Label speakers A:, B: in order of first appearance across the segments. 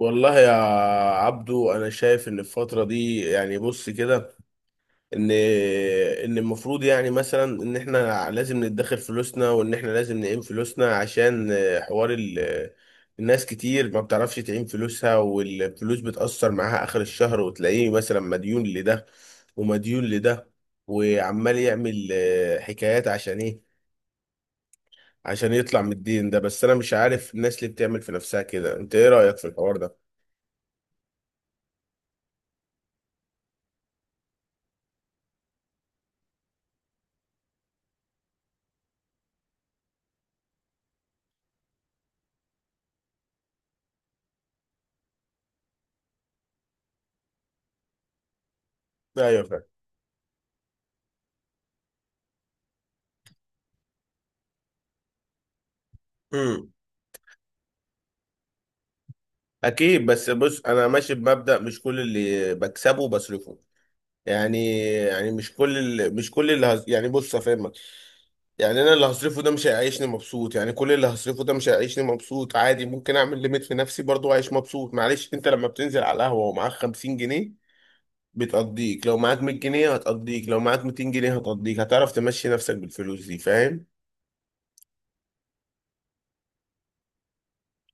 A: والله يا عبدو، انا شايف ان الفتره دي، يعني بص كده، ان ان المفروض يعني مثلا ان احنا لازم ندخر فلوسنا، وان احنا لازم نقيم فلوسنا عشان حوار الناس كتير ما بتعرفش تعين فلوسها، والفلوس بتأثر معاها اخر الشهر، وتلاقيه مثلا مديون لده ومديون لده، وعمال يعمل حكايات عشان ايه؟ عشان يطلع من الدين ده. بس انا مش عارف الناس اللي بتعمل في نفسها كده، انت ايه رأيك في الحوار ده؟ ايوه، فعلا، اكيد. بس بص، انا ماشي بمبدأ مش كل اللي بكسبه بصرفه، يعني مش كل اللي مش كل اللي هز... يعني بص افهمك، يعني انا اللي هصرفه ده مش هيعيشني مبسوط، يعني كل اللي هصرفه ده مش هيعيشني مبسوط عادي، ممكن اعمل ليميت في نفسي برضه وعيش مبسوط. معلش، انت لما بتنزل على القهوة ومعاك 50 جنيه بتقضيك، لو معاك 100 جنيه هتقضيك، لو معاك 200 جنيه هتقضيك، هتعرف تمشي نفسك بالفلوس دي، فاهم؟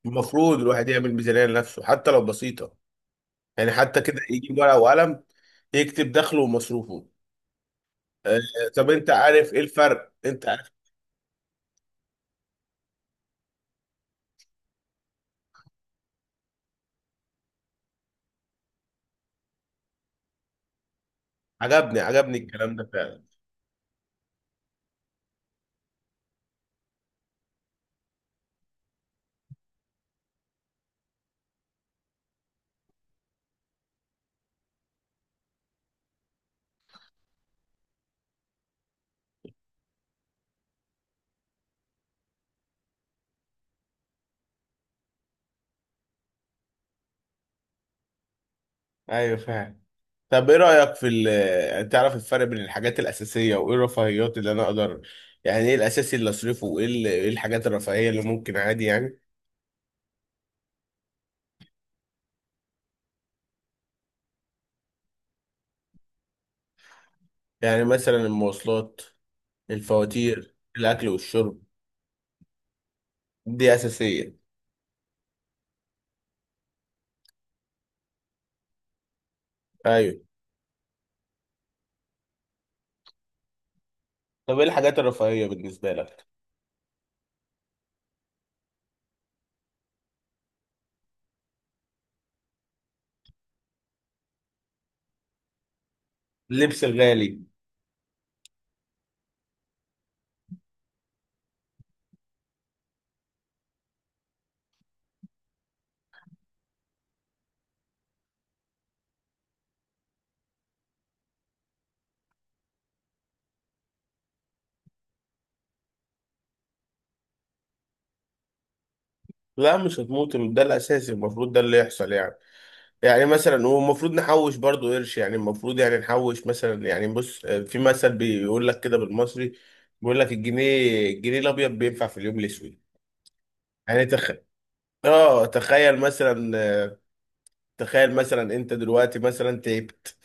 A: المفروض الواحد يعمل ميزانية لنفسه، حتى لو بسيطة، يعني حتى كده يجيب ورقة وقلم يكتب دخله ومصروفه. آه، طب انت عارف ايه الفرق؟ انت عارف؟ عجبني الكلام ده فعلا. ايوه فاهم. طب ايه رأيك في تعرف الفرق بين الحاجات الأساسية وايه الرفاهيات اللي انا اقدر، يعني ايه الأساسي اللي اصرفه وايه ايه الحاجات الرفاهية اللي ممكن عادي يعني؟ يعني مثلا المواصلات، الفواتير، الأكل والشرب، دي أساسية. ايوه. طب ايه الحاجات الرفاهية بالنسبة لك؟ اللبس الغالي. لا، مش هتموت، ده الاساسي، المفروض ده اللي يحصل يعني. يعني مثلا، والمفروض نحوش برضو قرش، يعني المفروض يعني نحوش مثلا، يعني بص، في مثل بيقول لك كده بالمصري، بيقول لك الجنيه، الجنيه الابيض بينفع في اليوم الاسود. يعني تخ... اه تخيل مثلا، تخيل مثلا انت دلوقتي مثلا تعبت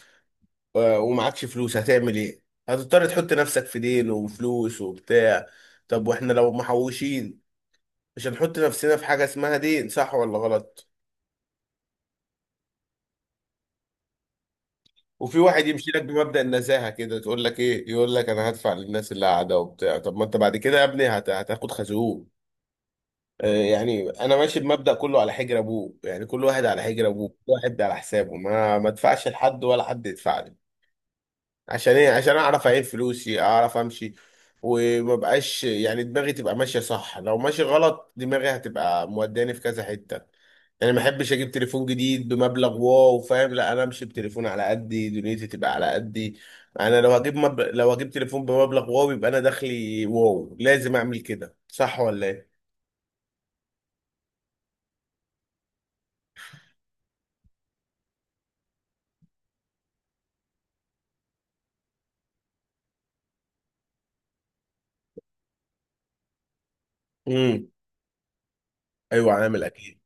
A: ومعكش فلوس، هتعمل ايه؟ هتضطر تحط نفسك في دين وفلوس وبتاع. طب واحنا لو محوشين مش هنحط نفسنا في حاجة اسمها دين، صح ولا غلط؟ وفي واحد يمشي لك بمبدأ النزاهة كده، تقول لك ايه؟ يقول لك انا هدفع للناس اللي قاعدة وبتاع، طب ما انت بعد كده يا ابني هتاخد خازوق. يعني انا ماشي بمبدأ كله على حجر ابوه، يعني كل واحد على حجر ابوه، كل واحد على حسابه، ما ادفعش لحد ولا حد يدفع لي. عشان ايه؟ عشان اعرف اعين فلوسي، اعرف امشي، وما بقاش يعني دماغي تبقى ماشيه صح، لو ماشي غلط دماغي هتبقى موداني في كذا حته. يعني ما احبش اجيب تليفون جديد بمبلغ واو، فاهم؟ لا، انا امشي بتليفون على قدي، دنيتي تبقى على قدي. انا لو هجيب لو هجيب تليفون بمبلغ واو، يبقى انا دخلي واو، لازم اعمل كده، صح ولا ايه؟ امم. ايوه عامل اكيد.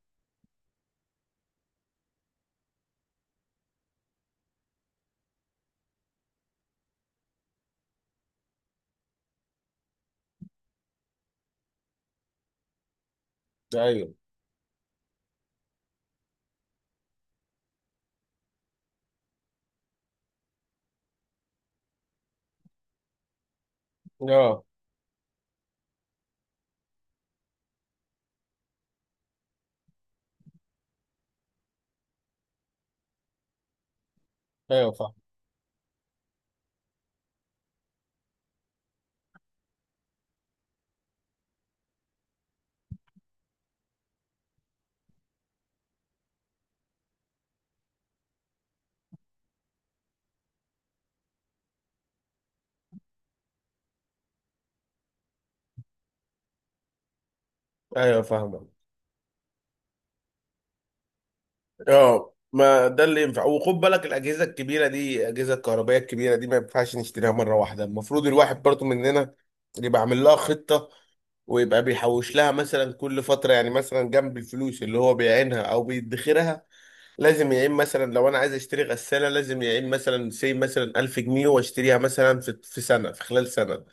A: ايوه. اه. ايوه فاهم. ايوه فاهمك. اه، ما ده اللي ينفع. وخد بالك، الاجهزه الكبيره دي، الاجهزه الكهربائيه الكبيره دي، ما ينفعش نشتريها مره واحده، المفروض الواحد برضو مننا يبقى عامل لها خطه، ويبقى بيحوش لها مثلا كل فتره، يعني مثلا جنب الفلوس اللي هو بيعينها او بيدخرها، لازم يعين مثلا لو انا عايز اشتري غساله، لازم يعين مثلا سي، مثلا 1000 جنيه واشتريها مثلا في سنه، في خلال سنه،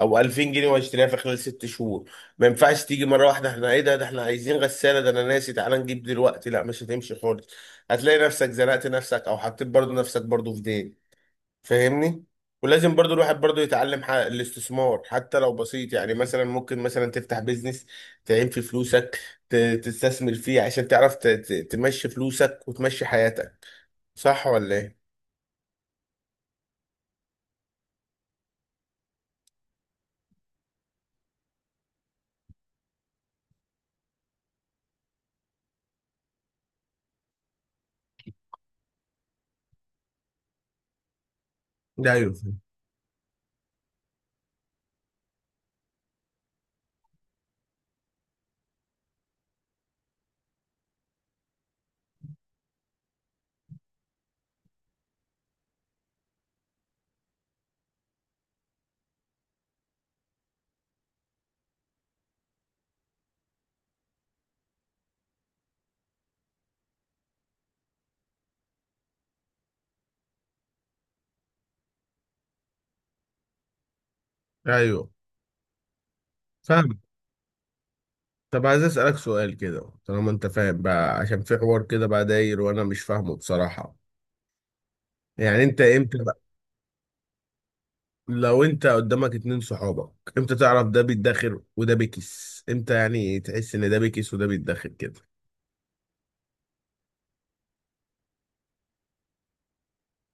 A: او 2000 جنيه واشتريها في خلال ست شهور. ما ينفعش تيجي مره واحده، احنا ايه ده؟ ده احنا عايزين غساله، ده انا ناسي، تعالى نجيب دلوقتي، لا، مش هتمشي خالص. هتلاقي نفسك زنقت نفسك، او حطيت برضو نفسك برضو في دين، فاهمني؟ ولازم برضو الواحد برضو يتعلم الاستثمار، حتى لو بسيط، يعني مثلا ممكن مثلا تفتح بيزنس، تعين فيه فلوسك، ت- تستثمر فيه عشان تعرف تمشي فلوسك وتمشي حياتك، صح ولا ايه؟ ده ايوه فاهم. ايوه فاهم. طب عايز اسالك سؤال كده، طالما انت فاهم بقى، عشان في حوار كده بقى داير وانا مش فاهمه بصراحه. يعني انت امتى بقى، لو انت قدامك اتنين صحابك، امتى تعرف ده بيتداخل وده بيكس؟ امتى يعني تحس ان ده بيكس وده بيتداخل كده؟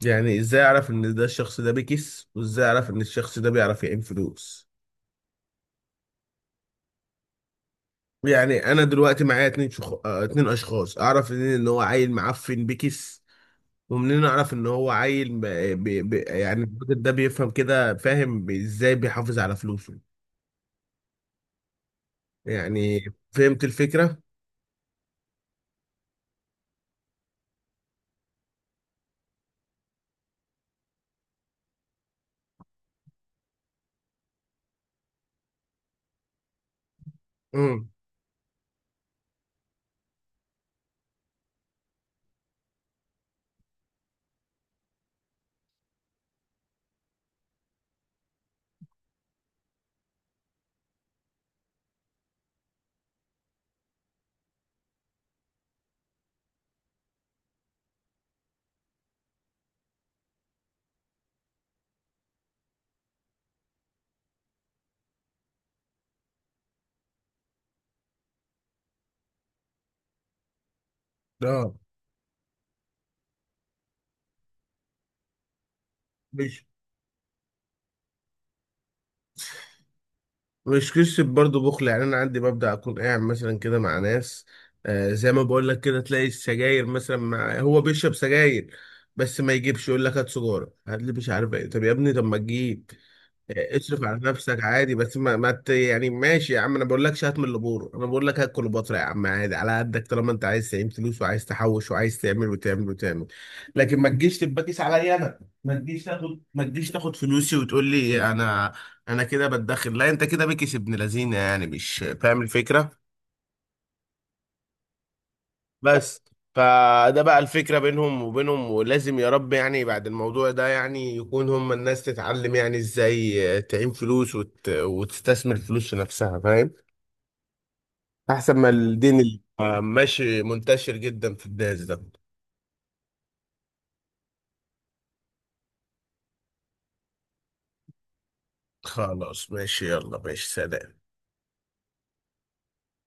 A: يعني ازاي اعرف ان ده الشخص ده بيكس، وازاي اعرف ان الشخص ده بيعرف يعين فلوس؟ يعني انا دلوقتي معايا اتنين شخ... آه، اتنين اشخاص، اعرف منين ان هو عيل معفن بيكس، ومنين اعرف ان هو عيل ب... يعني الراجل ده بيفهم كده، فاهم؟ ازاي بيحافظ على فلوسه يعني؟ فهمت الفكرة؟ امم. اه. ماشي. مش قصة برضه بخل، يعني أنا عندي، ببدأ أكون قاعد مثلا كده مع ناس، آه زي ما بقول لك كده، تلاقي السجاير مثلا، مع هو بيشرب سجاير، بس ما يجيبش، يقول لك هات سجارة، هات لي، مش عارف إيه. طب يا ابني، طب ما تجيب، اصرف على نفسك عادي، بس ما, ما ت... يعني ماشي يا عم، انا بقول لكش هات من البور، انا بقول لك هات كليوباترا يا عم، عادي على قدك، طالما انت عايز تعين فلوس، وعايز تحوش، وعايز تعمل وتعمل وتعمل. لكن ما تجيش تبقى كيس عليا انا، ما تجيش تاخد، ما تجيش تاخد فلوسي وتقول لي انا، انا كده بتدخل. لا، انت كده بكيس ابن لذينه، يعني مش فاهم الفكره بس؟ فده بقى الفكرة بينهم وبينهم، ولازم يا رب يعني بعد الموضوع ده يعني يكون هم الناس تتعلم يعني ازاي تعين فلوس، وتستثمر فلوس في نفسها، فاهم؟ احسن ما الدين اللي ماشي منتشر جدا في الناس ده. خلاص، ماشي، يلا ماشي، سلام.